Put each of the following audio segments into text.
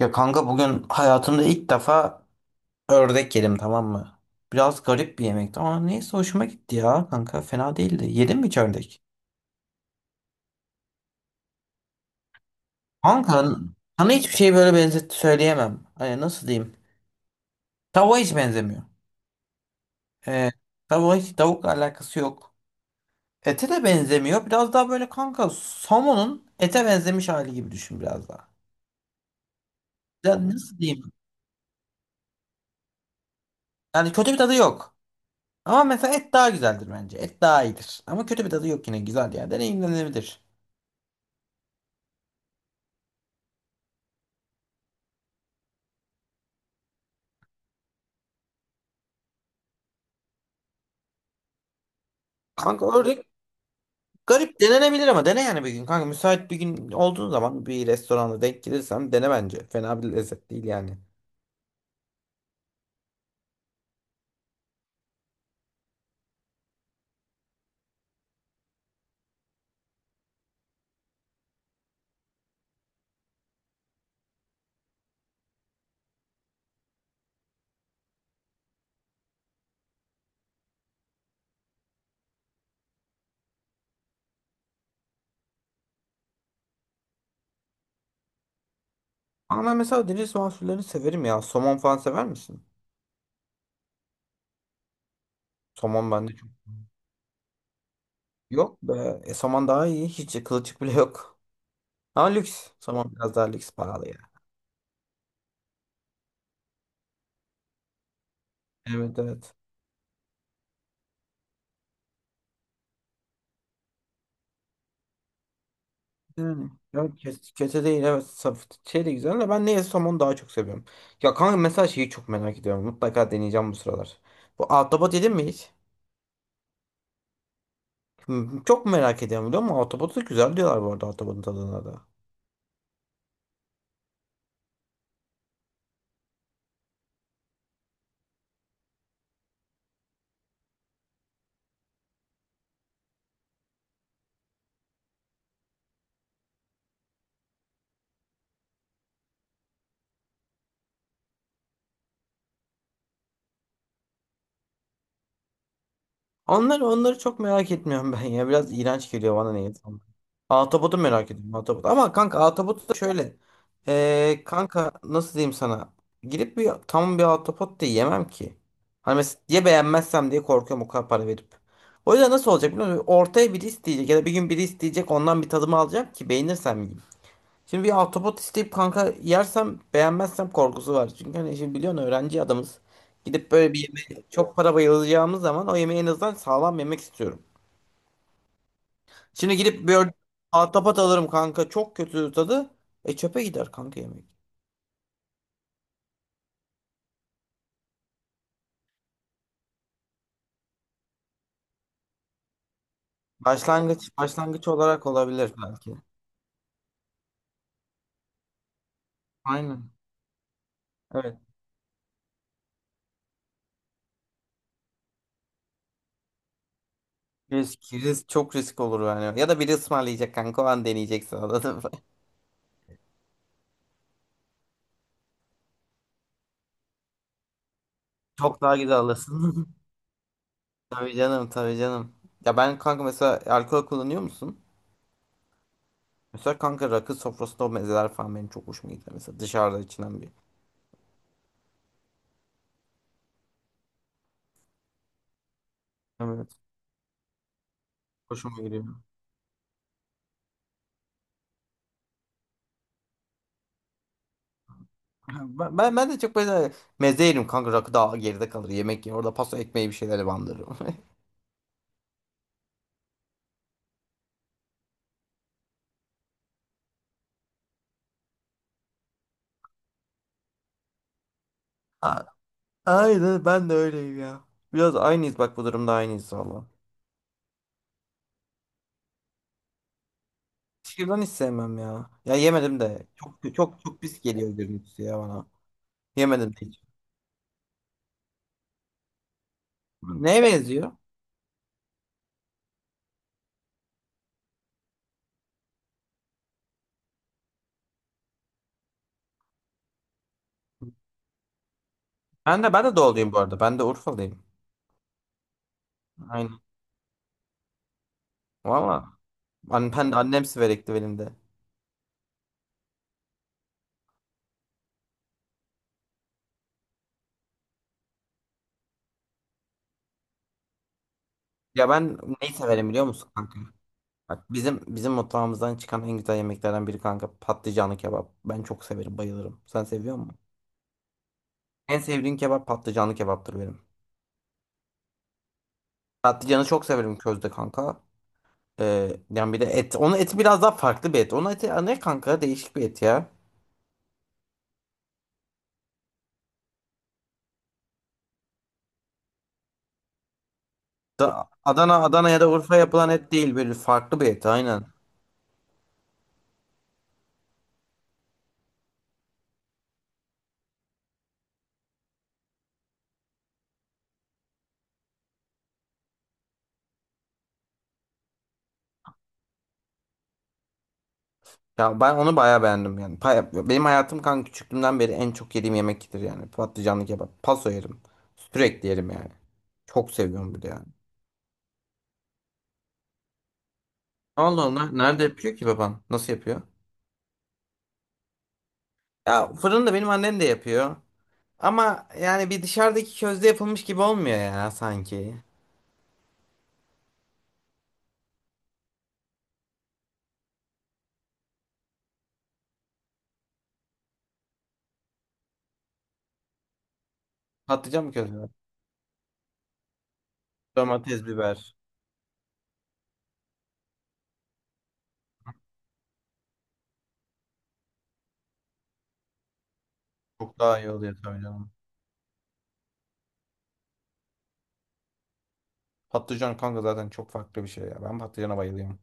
Ya kanka bugün hayatımda ilk defa ördek yedim, tamam mı? Biraz garip bir yemekti ama neyse hoşuma gitti ya kanka, fena değildi. Yedin mi hiç ördek? Kanka sana hiçbir şey böyle benzet söyleyemem. Hani nasıl diyeyim? Tavuğa hiç benzemiyor. Ee, tavuğa hiç, tavukla alakası yok. Ete de benzemiyor. Biraz daha böyle kanka somonun ete benzemiş hali gibi düşün biraz daha. Ya nasıl diyeyim? Yani kötü bir tadı yok. Ama mesela et daha güzeldir bence. Et daha iyidir. Ama kötü bir tadı yok, yine güzel yani, deneyimlenebilir. Kanka öyle garip, denenebilir ama dene yani bir gün. Kanka müsait bir gün olduğun zaman bir restoranda denk gelirsen dene bence. Fena bir lezzet değil yani. Ama ben mesela deniz mahsullerini severim ya. Somon falan sever misin? Somon bende çok yok be. E, somon daha iyi. Hiç kılçık bile yok. Ama lüks. Somon biraz daha lüks, pahalı ya. Evet, evet. Yani, yok, kötü değil, evet, saf şey de güzel de ben neye somonu daha çok seviyorum. Ya kanka mesela şeyi çok merak ediyorum. Mutlaka deneyeceğim bu sıralar. Bu ahtapot yedin mi hiç? Hı, çok merak ediyorum biliyor musun? Autobot'u da güzel diyorlar bu arada, Autobot'un tadına da. Onları, onları çok merak etmiyorum ben ya. Biraz iğrenç geliyor bana, neyse. Autobot'u merak ediyorum. Autobot. Ama kanka Autobot da şöyle. Kanka nasıl diyeyim sana? Gidip bir tam bir Autobot da yemem ki. Hani mesela ya beğenmezsem diye korkuyorum, o kadar para verip. O yüzden nasıl olacak biliyor musun? Ortaya biri isteyecek ya da bir gün biri isteyecek, ondan bir tadımı alacağım ki beğenirsem yiyeyim. Şimdi bir ahtapot isteyip kanka yersem, beğenmezsem korkusu var. Çünkü hani şimdi biliyorsun, öğrenci adamız. Gidip böyle bir yemeğe çok para bayılacağımız zaman o yemeği en azından sağlam yemek istiyorum. Şimdi gidip bir ahtapot alırım kanka, çok kötü tadı. E çöpe gider kanka yemek. Başlangıç, başlangıç olarak olabilir belki. Aynen. Evet. Risk, risk, çok risk olur yani. Ya da biri ısmarlayacak kanka, o an deneyeceksin, anladın mı? Çok daha güzel alırsın. Tabii canım, tabii canım. Ya ben kanka mesela, alkol kullanıyor musun? Mesela kanka rakı sofrasında o mezeler falan benim çok hoşuma gidiyor. Mesela dışarıda içilen bir. Evet. Hoşuma gidiyor. Ha, ben de çok böyle meze yerim kanka, rakı daha geride kalır, yemek yer. Orada pasta ekmeği bir şeyler bandırırım. A- Aynen, ben de öyleyim ya. Biraz aynıyız bak, bu durumda aynıyız valla. Şırdan hiç sevmem ya. Ya yemedim de. Çok çok çok pis geliyor görüntüsü ya bana. Yemedim de hiç. Neye benziyor? Ben de doğuluyum bu arada. Ben de Urfalıyım. Aynen. Valla. Annem Siverekli benim de. Ya ben neyi severim biliyor musun kanka? Bak bizim mutfağımızdan çıkan en güzel yemeklerden biri kanka, patlıcanlı kebap. Ben çok severim, bayılırım. Sen seviyor musun? En sevdiğim kebap patlıcanlı kebaptır benim. Patlıcanı çok severim közde kanka. Yani bir de et. Onun eti biraz daha farklı bir et. Onun eti ne kanka? Değişik bir et ya. Adana, Adana ya da Urfa yapılan et değil, böyle farklı bir et, aynen. Ya ben onu bayağı beğendim yani. Benim hayatım kanka, küçüklüğümden beri en çok yediğim yemektir yani. Patlıcanlı kebap. Paso yerim. Sürekli yerim yani. Çok seviyorum bir de yani. Allah Allah. Nerede yapıyor ki baban? Nasıl yapıyor? Ya fırında benim annem de yapıyor. Ama yani bir dışarıdaki közde yapılmış gibi olmuyor ya sanki. Patlıcan mı közde? Domates, biber. Çok daha iyi oluyor tabii canım. Patlıcan kanka zaten çok farklı bir şey ya. Ben patlıcana bayılıyorum.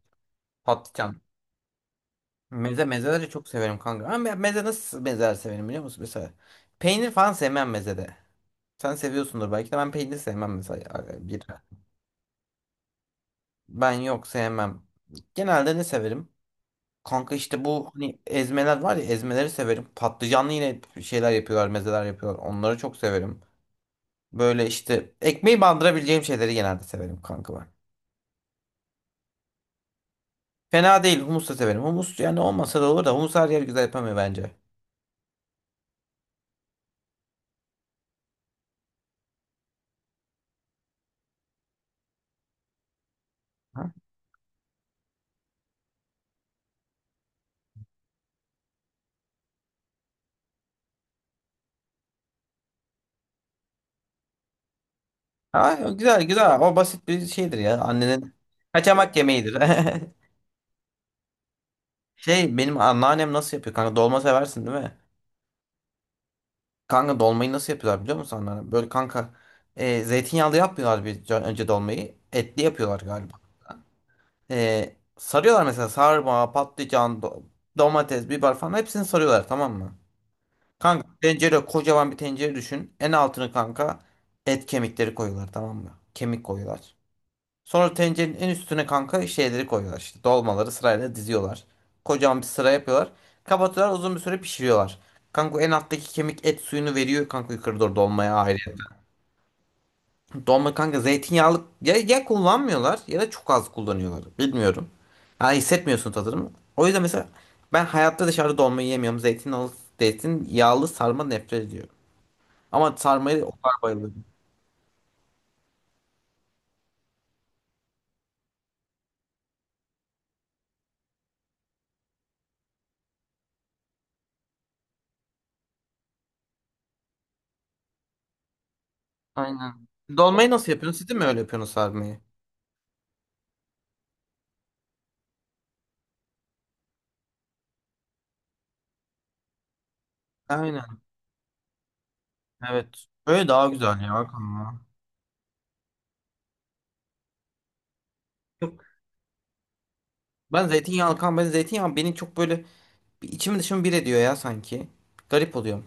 Patlıcan. Mezeleri çok severim kanka. Ama ben meze nasıl mezeler severim biliyor musun? Mesela peynir falan sevmem mezede. Sen seviyorsundur belki de, ben peynir sevmem mesela bir. Ben yok sevmem. Genelde ne severim? Kanka işte bu hani ezmeler var ya, ezmeleri severim. Patlıcanlı yine şeyler yapıyorlar, mezeler yapıyorlar. Onları çok severim. Böyle işte ekmeği bandırabileceğim şeyleri genelde severim kanka ben. Fena değil, humus da severim. Humus yani olmasa da olur da humus her yer güzel yapamıyor bence. Ha, güzel güzel. O basit bir şeydir ya. Annenin kaçamak yemeğidir. Şey, benim anneannem nasıl yapıyor kanka? Dolma seversin değil mi? Kanka dolmayı nasıl yapıyorlar biliyor musun anneannem? Böyle kanka, zeytinyağlı yapmıyorlar bir önce dolmayı. Etli yapıyorlar galiba. Sarıyorlar mesela sarma, patlıcan, domates, biber falan hepsini sarıyorlar tamam mı? Kanka tencere, kocaman bir tencere düşün. En altını kanka et kemikleri koyuyorlar tamam mı? Kemik koyuyorlar. Sonra tencerenin en üstüne kanka şeyleri koyuyorlar işte. Dolmaları sırayla diziyorlar. Kocaman bir sıra yapıyorlar. Kapatıyorlar, uzun bir süre pişiriyorlar. Kanka en alttaki kemik et suyunu veriyor kanka, yukarı doğru dolmaya ayrı. Dolma kanka zeytinyağlı ya, ya kullanmıyorlar ya da çok az kullanıyorlar. Bilmiyorum. Yani hissetmiyorsun tadını. O yüzden mesela ben hayatta dışarıda dolma yemiyorum. Zeytinyağlı sarma nefret ediyorum. Ama sarmayı o kadar bayılıyorum. Aynen. Dolmayı nasıl yapıyorsun? Siz de mi öyle yapıyorsunuz sarmayı? Aynen. Evet. Böyle daha güzel ya Hakan ya. Çok Ben zeytinyağlı kan ben zeytinyağı beni çok böyle bir, içimi dışımı bir ediyor ya sanki. Garip oluyorum.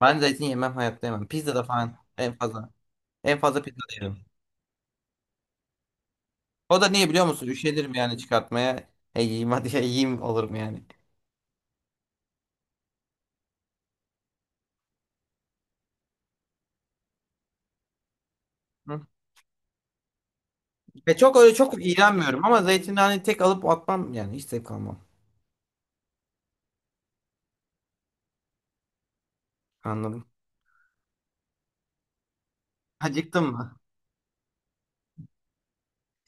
Ben zeytin yemem, hayatta yemem. Pizza da falan en fazla. En fazla pizza da yerim. O da niye biliyor musun? Üşenirim yani çıkartmaya. E yiyeyim hadi ya, yiyeyim olurum yani. Hı. Ve çok öyle çok iğrenmiyorum ama zeytini hani tek alıp atmam, yani hiç zevk almam. Anladım. Acıktın mı?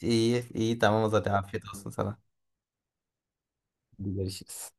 İyi iyi, tamam o zaman, afiyet olsun sana. Hadi görüşürüz.